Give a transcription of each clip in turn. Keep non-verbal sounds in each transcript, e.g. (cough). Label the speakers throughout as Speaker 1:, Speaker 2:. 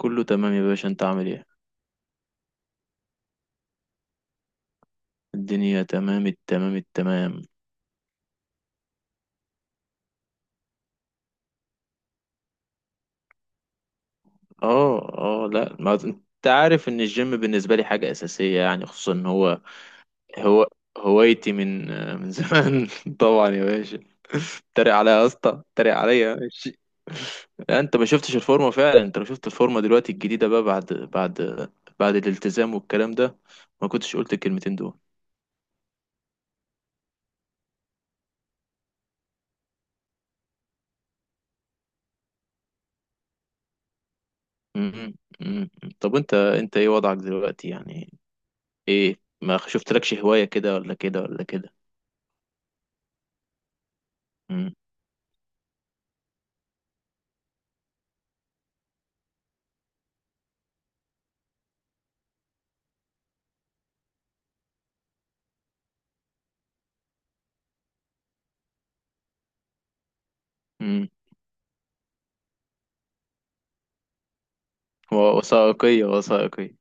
Speaker 1: كله تمام يا باشا، انت عامل ايه؟ الدنيا تمام التمام التمام. اه، اه، لا، ما انت عارف ان الجيم بالنسبه لي حاجه اساسيه يعني، خصوصا ان هو هوايتي من زمان. (laughs) طبعا يا باشا. اتريق عليا يا اسطى، اتريق عليا، ماشي. لا، انت ما شفتش الفورمه فعلا. انت لو شفت الفورمه دلوقتي الجديده بقى، بعد الالتزام والكلام ده، ما كنتش قلت الكلمتين دول. م- م- م- م. طب انت ايه وضعك دلوقتي يعني؟ ايه، ما شفتلكش هواية كده ولا كده ولا كده؟ امم امم وثائقية وثائقية.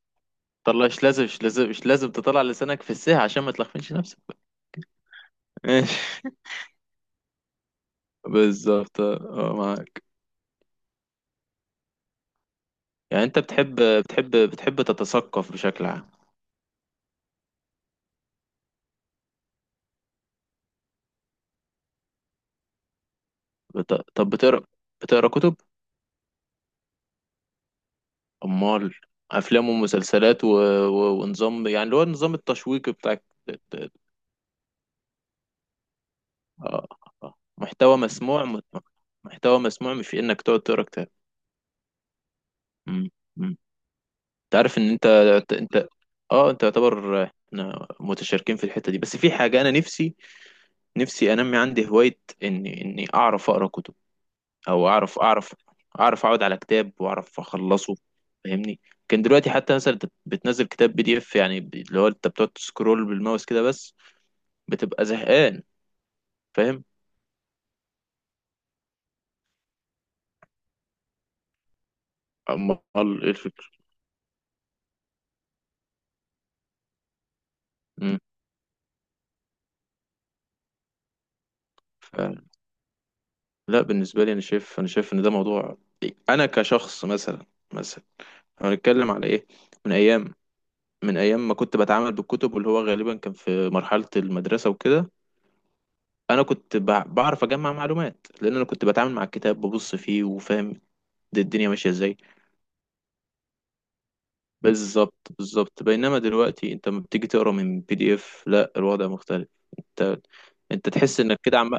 Speaker 1: طلع، مش لازم مش لازم مش لازم تطلع لسانك في الساحة عشان ما تلخفنش نفسك. ماشي. (laughs) بالظبط، اه، آه، معاك. يعني انت بتحب تتثقف بشكل عام. طب بتقرا كتب؟ امال، افلام ومسلسلات ونظام، يعني اللي هو النظام التشويقي بتاعك، اه. آه. آه. محتوى مسموع، محتوى مسموع، مش انك تقعد تقرا كتاب. امم. تعرف ان انت اه انت يعتبر، احنا متشاركين في الحتة دي، بس في حاجة انا نفسي انمي عندي هواية اني اعرف اقرا كتب، او اعرف اقعد على كتاب واعرف اخلصه، فاهمني؟ كان دلوقتي حتى مثلا، انت بتنزل كتاب بي دي اف يعني، اللي هو انت بتقعد تسكرول بالماوس كده بس، بتبقى زهقان، فاهم؟ امال ايه الفكرة؟ مم. ف... لا، بالنسبة لي انا شايف، انا شايف ان ده موضوع، انا كشخص مثلا، مثلا هنتكلم على ايه، من ايام، من ايام ما كنت بتعامل بالكتب، واللي هو غالبا كان في مرحله المدرسه وكده. انا كنت بعرف اجمع معلومات، لان انا كنت بتعامل مع الكتاب ببص فيه وفاهم الدنيا ماشيه ازاي. بالظبط بالظبط، بينما دلوقتي انت لما بتيجي تقرا من بي دي اف، لا، الوضع مختلف. انت انت تحس انك كده عم،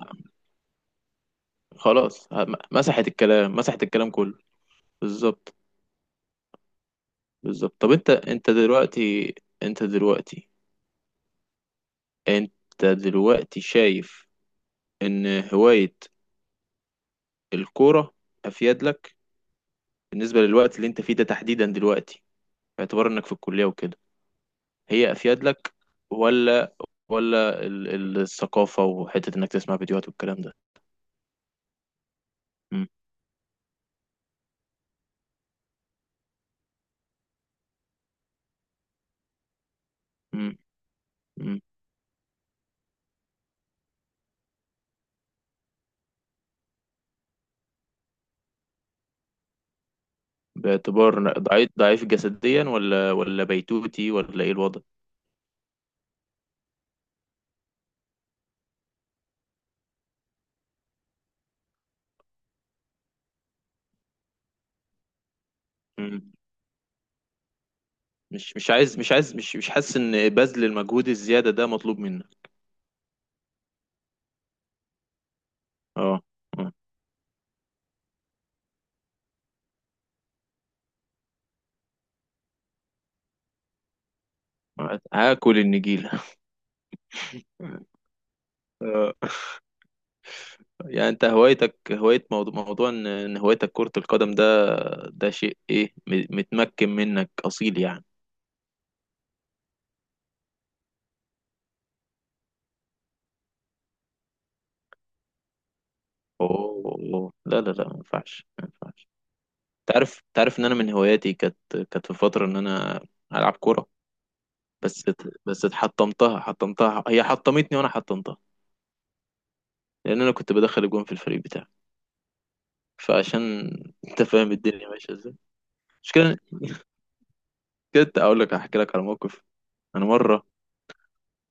Speaker 1: خلاص، مسحت الكلام، مسحت الكلام كله. بالظبط بالظبط. طب انت دلوقتي انت دلوقتي شايف ان هوايه الكوره افيد لك بالنسبة للوقت اللي انت فيه ده تحديدا دلوقتي، باعتبار انك في الكلية وكده؟ هي افيد لك، ولا الثقافة وحتة انك تسمع فيديوهات والكلام ده؟ مم. مم. مم. باعتبار ضعيف ضعيف جسديا، ولا بيتوتي، ولا ايه الوضع؟ مم. مش عايز مش عايز مش حاسس ان بذل المجهود الزيادة ده مطلوب منك. اه، آه. آه. هاكل النجيلة. (laughs) يعني انت هوايتك هواية موضوع ان هوايتك كرة القدم ده، ده شيء ايه متمكن منك اصيل يعني. اوه، لا لا لا، ما ينفعش ما ينفعش. تعرف ان انا من هواياتي كانت، كانت في فترة ان انا العب كورة، بس بس حطمتها، هي حطمتني وانا حطمتها، لان انا كنت بدخل الجون في الفريق بتاعي، فعشان، (laughs) انت فاهم الدنيا ماشية ازاي؟ مش كده؟ كده اقول لك، احكي لك على موقف. انا مرة،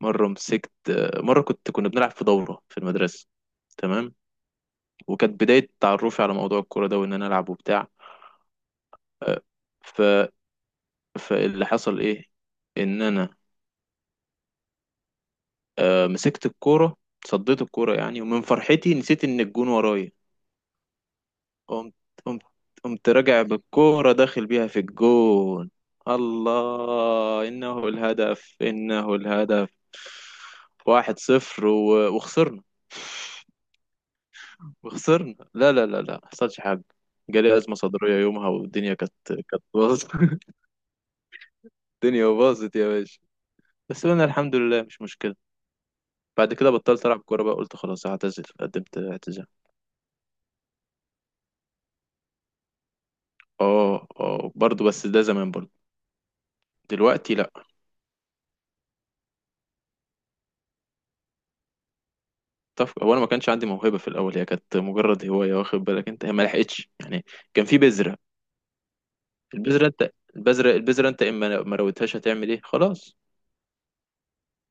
Speaker 1: مرة مسكت مرة كنا بنلعب في دورة في المدرسة، تمام، وكانت بداية تعرفي على موضوع الكورة ده، وإن أنا ألعب وبتاع. آه، ف... فاللي حصل إيه؟ إن أنا، مسكت الكورة، صديت الكورة يعني، ومن فرحتي نسيت إن الجون ورايا، قمت قمت قمت راجع بالكورة داخل بيها في الجون. الله، إنه الهدف، إنه الهدف، واحد صفر، وخسرنا، وخسرنا، لا لا لا لا، ما حصلش حاجة. جالي أزمة صدرية يومها، والدنيا كانت باظت. (laughs) الدنيا باظت يا باشا. بس أنا الحمد لله، مش مشكلة. بعد كده بطلت ألعب كورة بقى، قلت خلاص هعتزل، قدمت اعتزال. اه، اه، برضه، بس ده زمان برضه، دلوقتي لا. طف، هو انا ما كانش عندي موهبة في الأول، هي كانت مجرد هواية، واخد بالك أنت؟ هي ما لحقتش يعني، كان في بذرة. البذرة أنت، البذرة أنت إما ما رويتهاش هتعمل إيه، خلاص.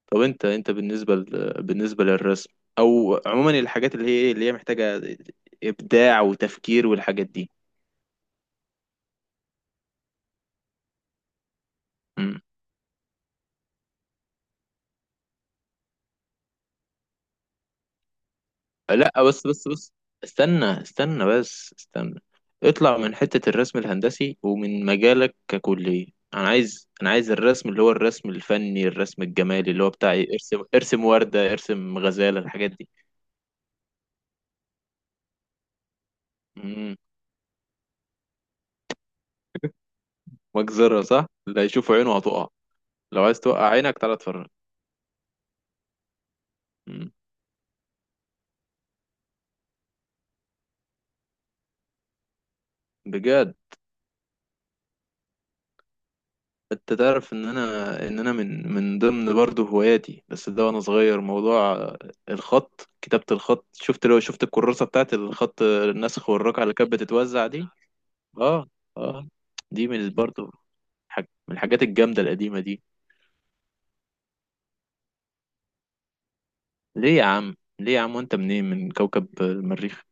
Speaker 1: طب انت، بالنسبه للرسم او عموما الحاجات اللي هي ايه، اللي هي محتاجه ابداع وتفكير والحاجات دي. مم. لا، بس استنى استنى بس استنى، اطلع من حته الرسم الهندسي ومن مجالك ككليه. انا عايز، الرسم اللي هو الرسم الفني، الرسم الجمالي، اللي هو بتاع ايه؟ ارسم، ارسم ورده، ارسم غزاله، الحاجات دي. مم. مجزره صح، اللي هيشوف عينه هتقع. لو عايز توقع عينك تعالى اتفرج. مم. بجد؟ انت تعرف ان انا، ان انا من ضمن برضه هواياتي بس ده وانا صغير، موضوع الخط، كتابة الخط، لو شفت الكراسة بتاعت الخط النسخ والرقعة اللي كانت بتتوزع دي. اه. اه. دي من برضه حاج من الحاجات الجامدة القديمة دي. ليه يا عم، ليه يا عم، وانت منين، من كوكب المريخ؟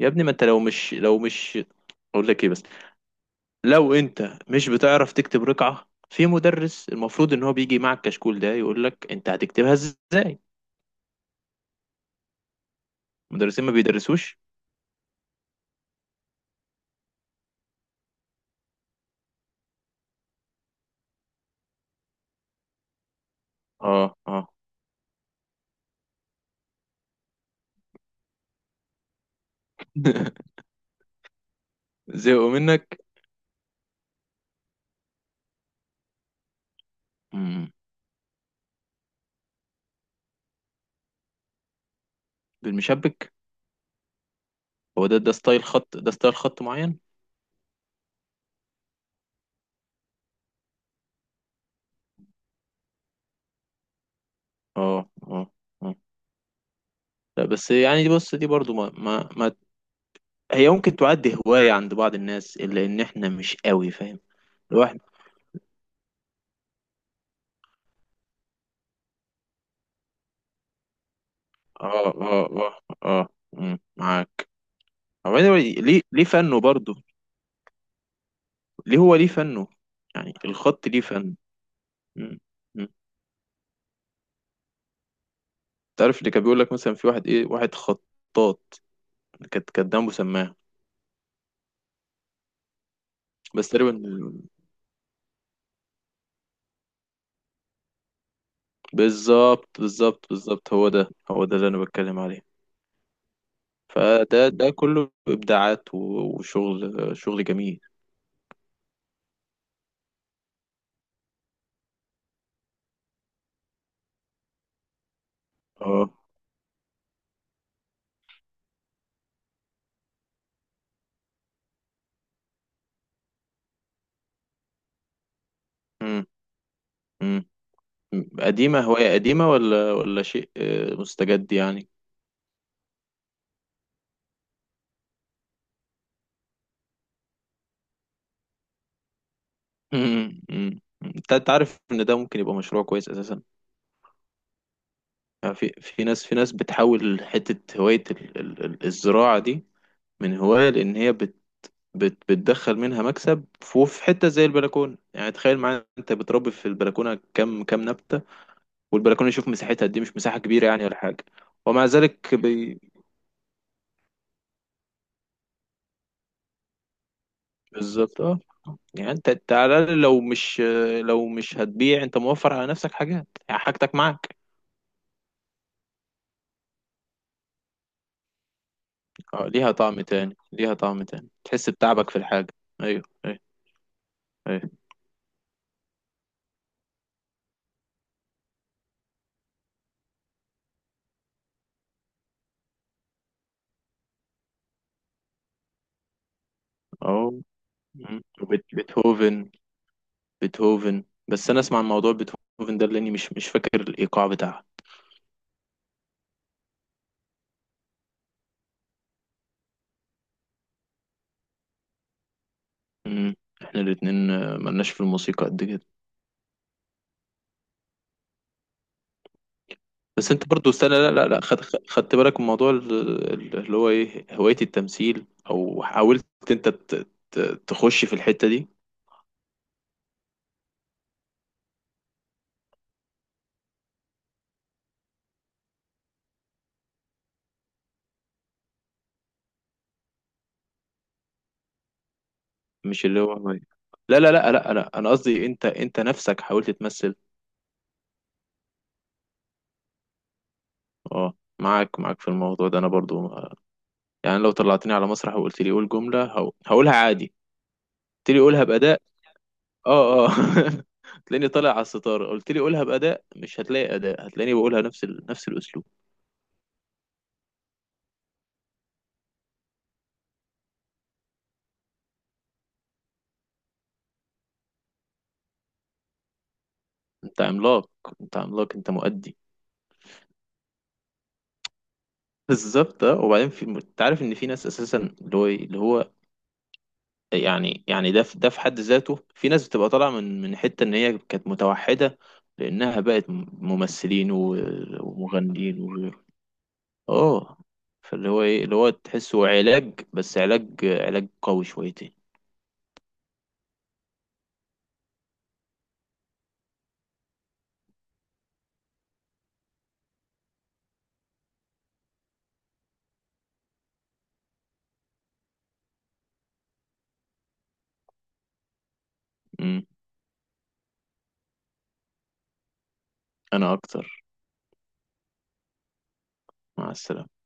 Speaker 1: يا ابني، ما انت لو مش، اقول لك ايه بس، لو انت مش بتعرف تكتب رقعة، في مدرس المفروض ان هو بيجي مع الكشكول ده يقول لك انت هتكتبها ازاي. المدرسين ما بيدرسوش. اه. اه. (laughs) زهقوا منك. امم. بالمشبك؟ هو ده، ستايل خط، ده ستايل خط معين. اه، اه، اه. لا بس يعني دي، بص دي برضو، ما هي ممكن تعد هواية عند بعض الناس، إلا إن إحنا مش قوي فاهم الواحد. اه، اه، اه، اه، مم، معاك. هو anyway، ليه فنه برضه؟ ليه فنه؟ يعني الخط ليه فن؟ مم. مم. تعرف اللي كان بيقول لك مثلا في واحد ايه، واحد خطاط، كانت دمه سماعة. بس تقريبا، بالظبط بالظبط بالظبط، هو ده هو ده اللي انا بتكلم عليه. فده كله ابداعات، وشغل، شغل جميل. اه، امم، امم. قديمه، هوايه قديمه، ولا شيء مستجد يعني؟ (laughs) امم، امم. انت عارف ان ده ممكن يبقى مشروع كويس اساسا؟ في، في ناس بتحول حته هوايه الزراعه دي من هوايه، لان هي بت بت بتدخل منها مكسب، في في حته زي البلكونه، يعني تخيل معايا انت بتربي في البلكونه كم نبته، والبلكونه يشوف مساحتها قد ايه، مش مساحه كبيره يعني ولا حاجه. ومع ذلك بالظبط، اه. يعني انت على الاقل، لو مش، هتبيع، انت موفر على نفسك حاجات يعني، حاجتك معاك. اه، ليها طعم تاني، ليها طعم تاني، تحس بتعبك في الحاجه. ايوه، ايوه، ايوه. اه، مم. بيتهوفن، بس انا اسمع عن موضوع بيتهوفن ده، لاني مش فاكر الايقاع بتاعها. مم. احنا الاتنين، ملناش في الموسيقى قد كده. بس انت برضو استنى، لا لا لا، خد، خدت بالك من موضوع اللي هو ايه، هواية التمثيل، او حاولت انت تخش في الحتة دي؟ مش اللي هو، لا لا لا لا لا، انا قصدي انت، انت نفسك حاولت تمثل؟ اه، معاك، معاك في الموضوع ده انا برضو، يعني لو طلعتني على مسرح وقلت لي قول جملة، هقولها عادي، قلت لي قولها بأداء، اه، اه. (laughs) هتلاقيني طالع على الستارة، قلت لي قولها بأداء، مش هتلاقي أداء، هتلاقيني بقولها نفس نفس الأسلوب. انت عملاق، انت عملاق، انت مؤدي. بالظبط، اه. وبعدين في، انت عارف ان في ناس اساسا اللي هو اللي هو يعني، ده في، حد ذاته في ناس بتبقى طالعه من حته ان هي كانت متوحده، لانها بقت ممثلين، ومغنيين وغيره، اه، فاللي هو ايه، اللي هو تحسه علاج، بس علاج، علاج قوي شويتين. امم. انا اكتر. مع السلامه.